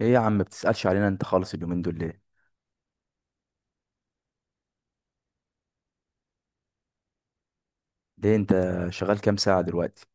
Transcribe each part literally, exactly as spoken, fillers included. ايه يا عم بتسألش علينا انت خالص اليومين دول ليه؟ ليه انت شغال كام ساعة دلوقتي؟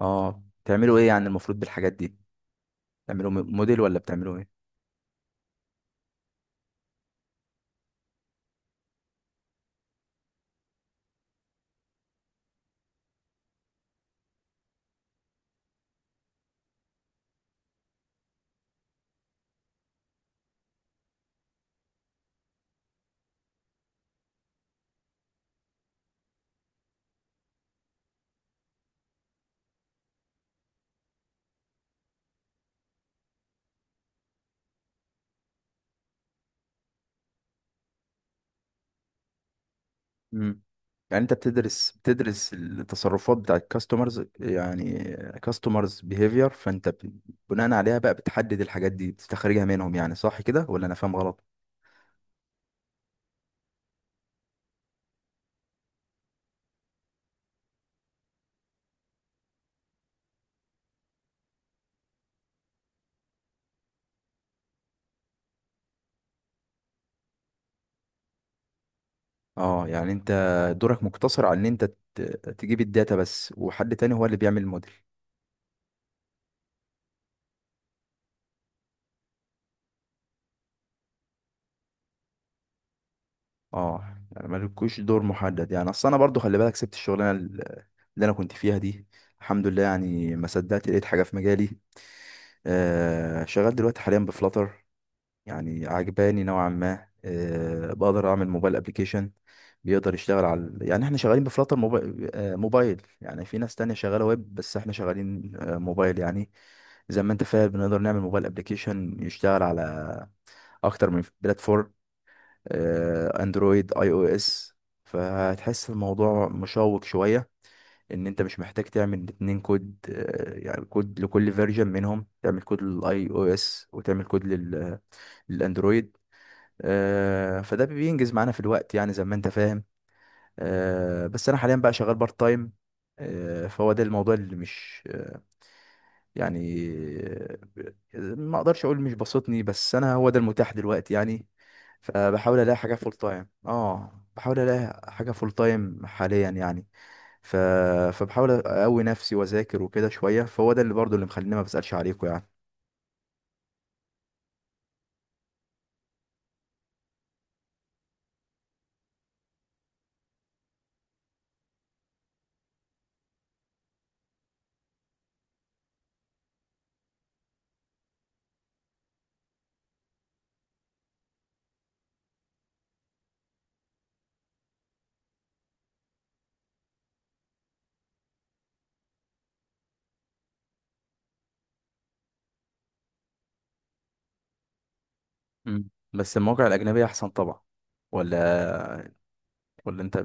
اه، بتعملوا ايه يعني المفروض بالحاجات دي؟ بتعملوا م- موديل ولا بتعملوا ايه؟ مم. يعني انت بتدرس بتدرس التصرفات بتاع الكاستمرز يعني. كاستمرز بيهيفير، فانت ب- بناء عليها بقى بتحدد الحاجات دي بتستخرجها منهم، يعني صح كده ولا انا فاهم غلط؟ اه يعني انت دورك مقتصر على ان انت ت- تجيب الداتا بس، وحد تاني هو اللي بيعمل الموديل. اه يعني مالكوش دور محدد. يعني اصل انا برضو، خلي بالك، سبت الشغلانه ال- اللي انا كنت فيها دي. الحمد لله، يعني ما صدقت لقيت حاجه في مجالي. آه، شغال دلوقتي حاليا بفلاتر. يعني عجباني نوعا ما. آه بقدر اعمل موبايل ابلكيشن بيقدر يشتغل على، يعني احنا شغالين بفلاتر موبايل، آه موبايل، يعني في ناس تانية شغاله ويب بس احنا شغالين آه موبايل يعني. زي ما انت فاهم، بنقدر نعمل موبايل ابلكيشن يشتغل على اكتر من بلاتفورم، آه، اندرويد، اي او اس. فهتحس الموضوع مشوق شوية، ان انت مش محتاج تعمل اتنين كود، آه، يعني كود لكل فيرجن منهم، تعمل كود للاي او اس وتعمل كود لل للاندرويد. آه، فده بينجز معانا في الوقت يعني زي ما انت فاهم. آه، بس انا حاليا بقى شغال بارت تايم. آه، فهو ده الموضوع اللي مش آه، يعني، ما اقدرش اقول مش بسطني، بس انا هو ده المتاح دلوقتي يعني. فبحاول الاقي حاجه فول تايم اه بحاول الاقي حاجه فول تايم حاليا يعني. ف... فبحاول اقوي نفسي واذاكر وكده شويه، فهو ده اللي برضو اللي مخليني ما بسالش عليكم يعني. مم. بس المواقع الاجنبيه احسن طبعا، ولا؟ ولا انت؟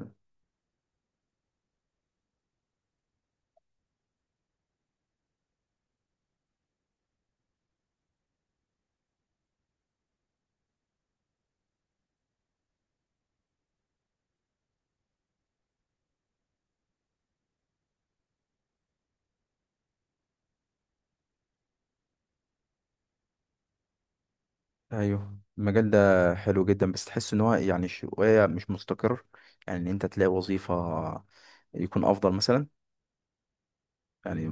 ايوه، المجال ده حلو جدا بس تحس ان هو يعني شويه مش مستقر. يعني ان انت تلاقي وظيفه يكون افضل مثلا يعني.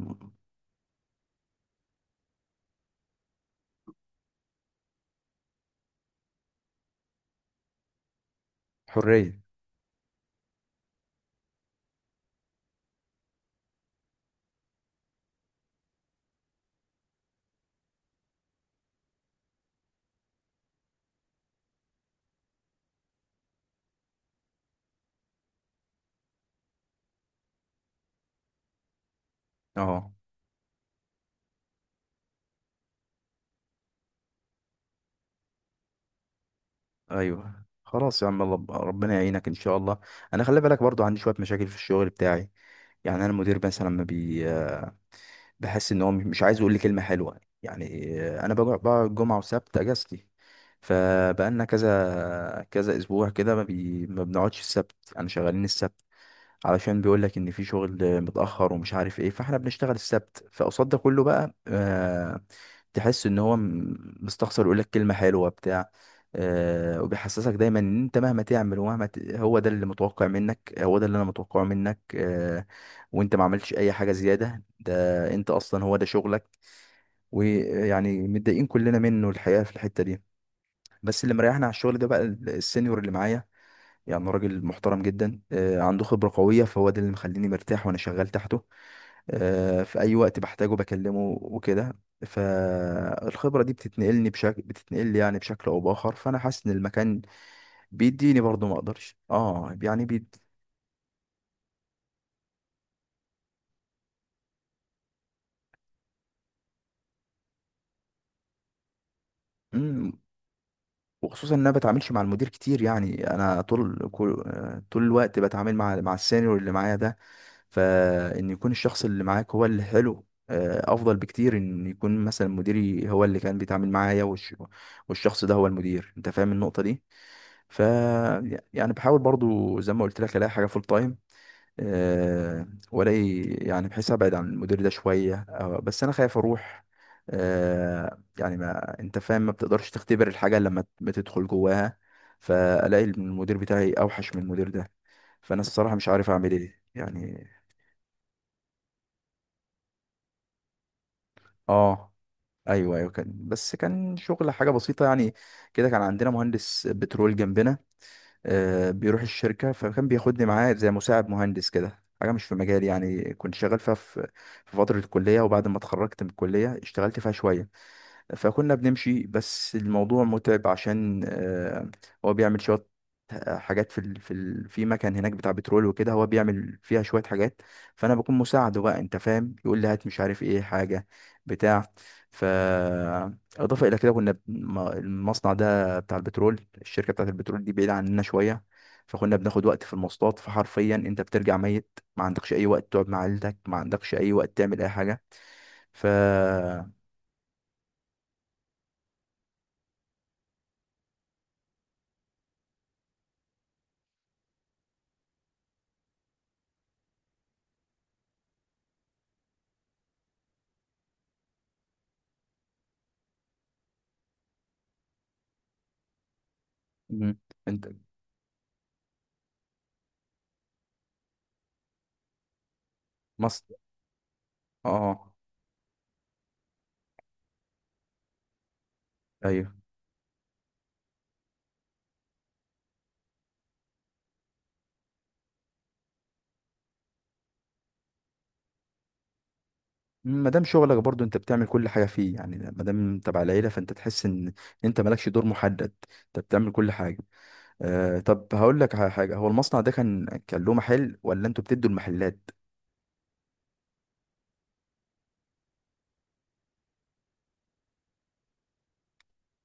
حرية. اه، ايوه خلاص يا عم، الله- ربنا يعينك ان شاء الله. انا خلي بالك برضو عندي شوية مشاكل في الشغل بتاعي. يعني انا المدير مثلا، لما بي بحس ان هو مش عايز يقول لي كلمة حلوة يعني. انا بقعد بقعد جمعة وسبت اجازتي. فبقالنا كذا كذا اسبوع كده، ما, بي... ما بنقعدش السبت، انا شغالين السبت. علشان بيقول لك ان في شغل متاخر ومش عارف ايه، فاحنا بنشتغل السبت. فقصاد ده كله بقى آه تحس ان هو م- مستخسر يقول لك كلمه حلوه بتاع. آه وبيحسسك دايما ان انت مهما تعمل ومهما ت... هو ده اللي متوقع منك، هو ده اللي انا متوقعه منك، آه وانت ما عملتش اي حاجه زياده، ده انت اصلا هو ده شغلك. ويعني متضايقين كلنا منه الحقيقه في الحته دي. بس اللي مريحنا على الشغل ده بقى السينيور اللي معايا، يعني راجل محترم جدا، آه، عنده خبرة قوية، فهو ده اللي مخليني مرتاح وأنا شغال تحته. آه، في أي وقت بحتاجه بكلمه وكده. فالخبرة دي بتتنقلني بشكل بتتنقل يعني بشكل أو بآخر، فأنا حاسس إن المكان بيديني برضه، ما أقدرش أه يعني بيد... مم. وخصوصا إن أنا بتعاملش مع المدير كتير، يعني أنا طول كل... آه، طول الوقت بتعامل مع مع السينيور اللي معايا ده. فان يكون الشخص اللي معاك هو اللي حلو، آه، افضل بكتير ان يكون مثلا مديري هو اللي كان بيتعامل معايا والش... والشخص ده هو المدير، انت فاهم النقطة دي؟ ف يعني بحاول برضو زي ما قلت لك الاقي حاجة فول تايم، أه والاقي يعني بحيث ابعد عن المدير ده شوية، أه بس انا خايف اروح. أه يعني ما انت فاهم، ما بتقدرش تختبر الحاجة لما بتدخل جواها. فالاقي المدير بتاعي اوحش من المدير ده. فانا الصراحة مش عارف اعمل ايه يعني. اه، ايوه ايوه، كان بس كان شغل حاجه بسيطه يعني. كده كان عندنا مهندس بترول جنبنا، آه بيروح الشركه فكان بياخدني معاه زي مساعد مهندس، كده حاجه مش في مجالي يعني، كنت شغال فيها في في فتره الكليه، وبعد ما اتخرجت من الكليه اشتغلت فيها شويه. فكنا بنمشي بس الموضوع متعب عشان، آه، هو بيعمل شوية آه، حاجات في ال... في ال... في مكان هناك بتاع بترول وكده، هو بيعمل فيها شوية حاجات. فأنا بكون مساعده بقى، أنت فاهم، يقول لي هات مش عارف إيه حاجة بتاع. ف إضافة إلى كده، كنا ب- م- المصنع ده بتاع البترول، الشركة بتاعة البترول دي بعيدة عننا شوية. فكنا بناخد وقت في المواصلات، فحرفيا أنت بترجع ميت، ما عندكش أي وقت تقعد مع عيلتك، ما عندكش أي وقت تعمل أي حاجة. ف مم. أنت مصر. اه ايوه، ما دام شغلك برضو انت بتعمل كل حاجه فيه يعني، ما دام انت تبع العيله، فانت تحس ان انت مالكش دور محدد، انت بتعمل كل حاجه. آه طب هقول لك على حاجه، هو المصنع ده كان كان له محل ولا انتوا بتدوا المحلات؟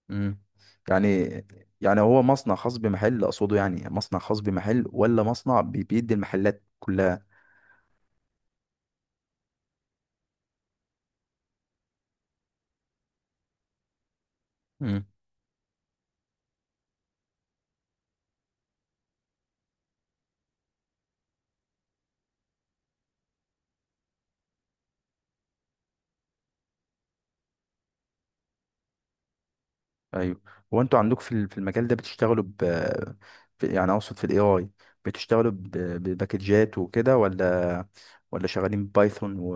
امم. يعني، يعني هو مصنع خاص بمحل اقصده، يعني مصنع خاص بمحل، ولا مصنع بي- بيدي المحلات كلها؟ ايوه، هو انتوا عندك في ال- في المجال ده بتشتغلوا ب في- يعني اقصد في الاي اي، بتشتغلوا ب- بباكجات وكده، ولا ولا شغالين بايثون و...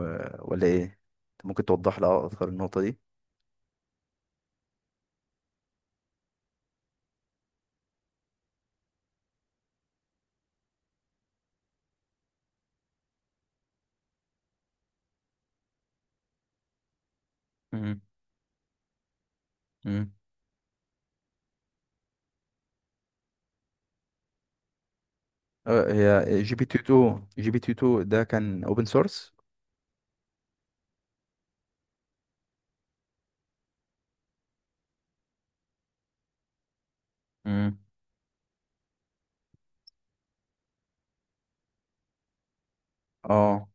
ولا ايه؟ ممكن توضح لي اكتر النقطة دي. مم. مم. اه، هي جي بي تي تو، جي بي تي تو ده كان اوبن سورس. مم. اه.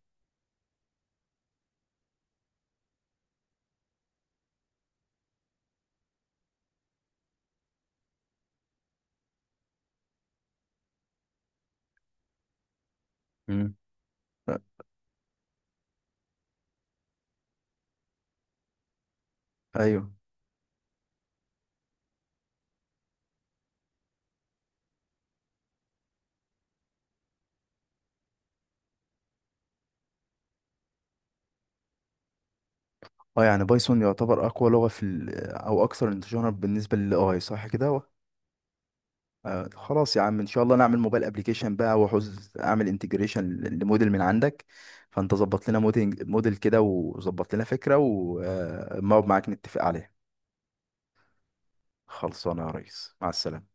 مم. آه، ايوه. اه يعني بايثون يعتبر اقوى لغة في ال... او اكثر انتشارا بالنسبة للاي، صح كده؟ آه خلاص يا عم، ان شاء الله نعمل موبايل ابلكيشن بقى واحوز اعمل انتجريشن لموديل من عندك. فانت ظبط لنا موديل موديل كده، وظبط لنا فكرة، ونقعد معاك نتفق عليها. خلصانه يا ريس، مع السلامة.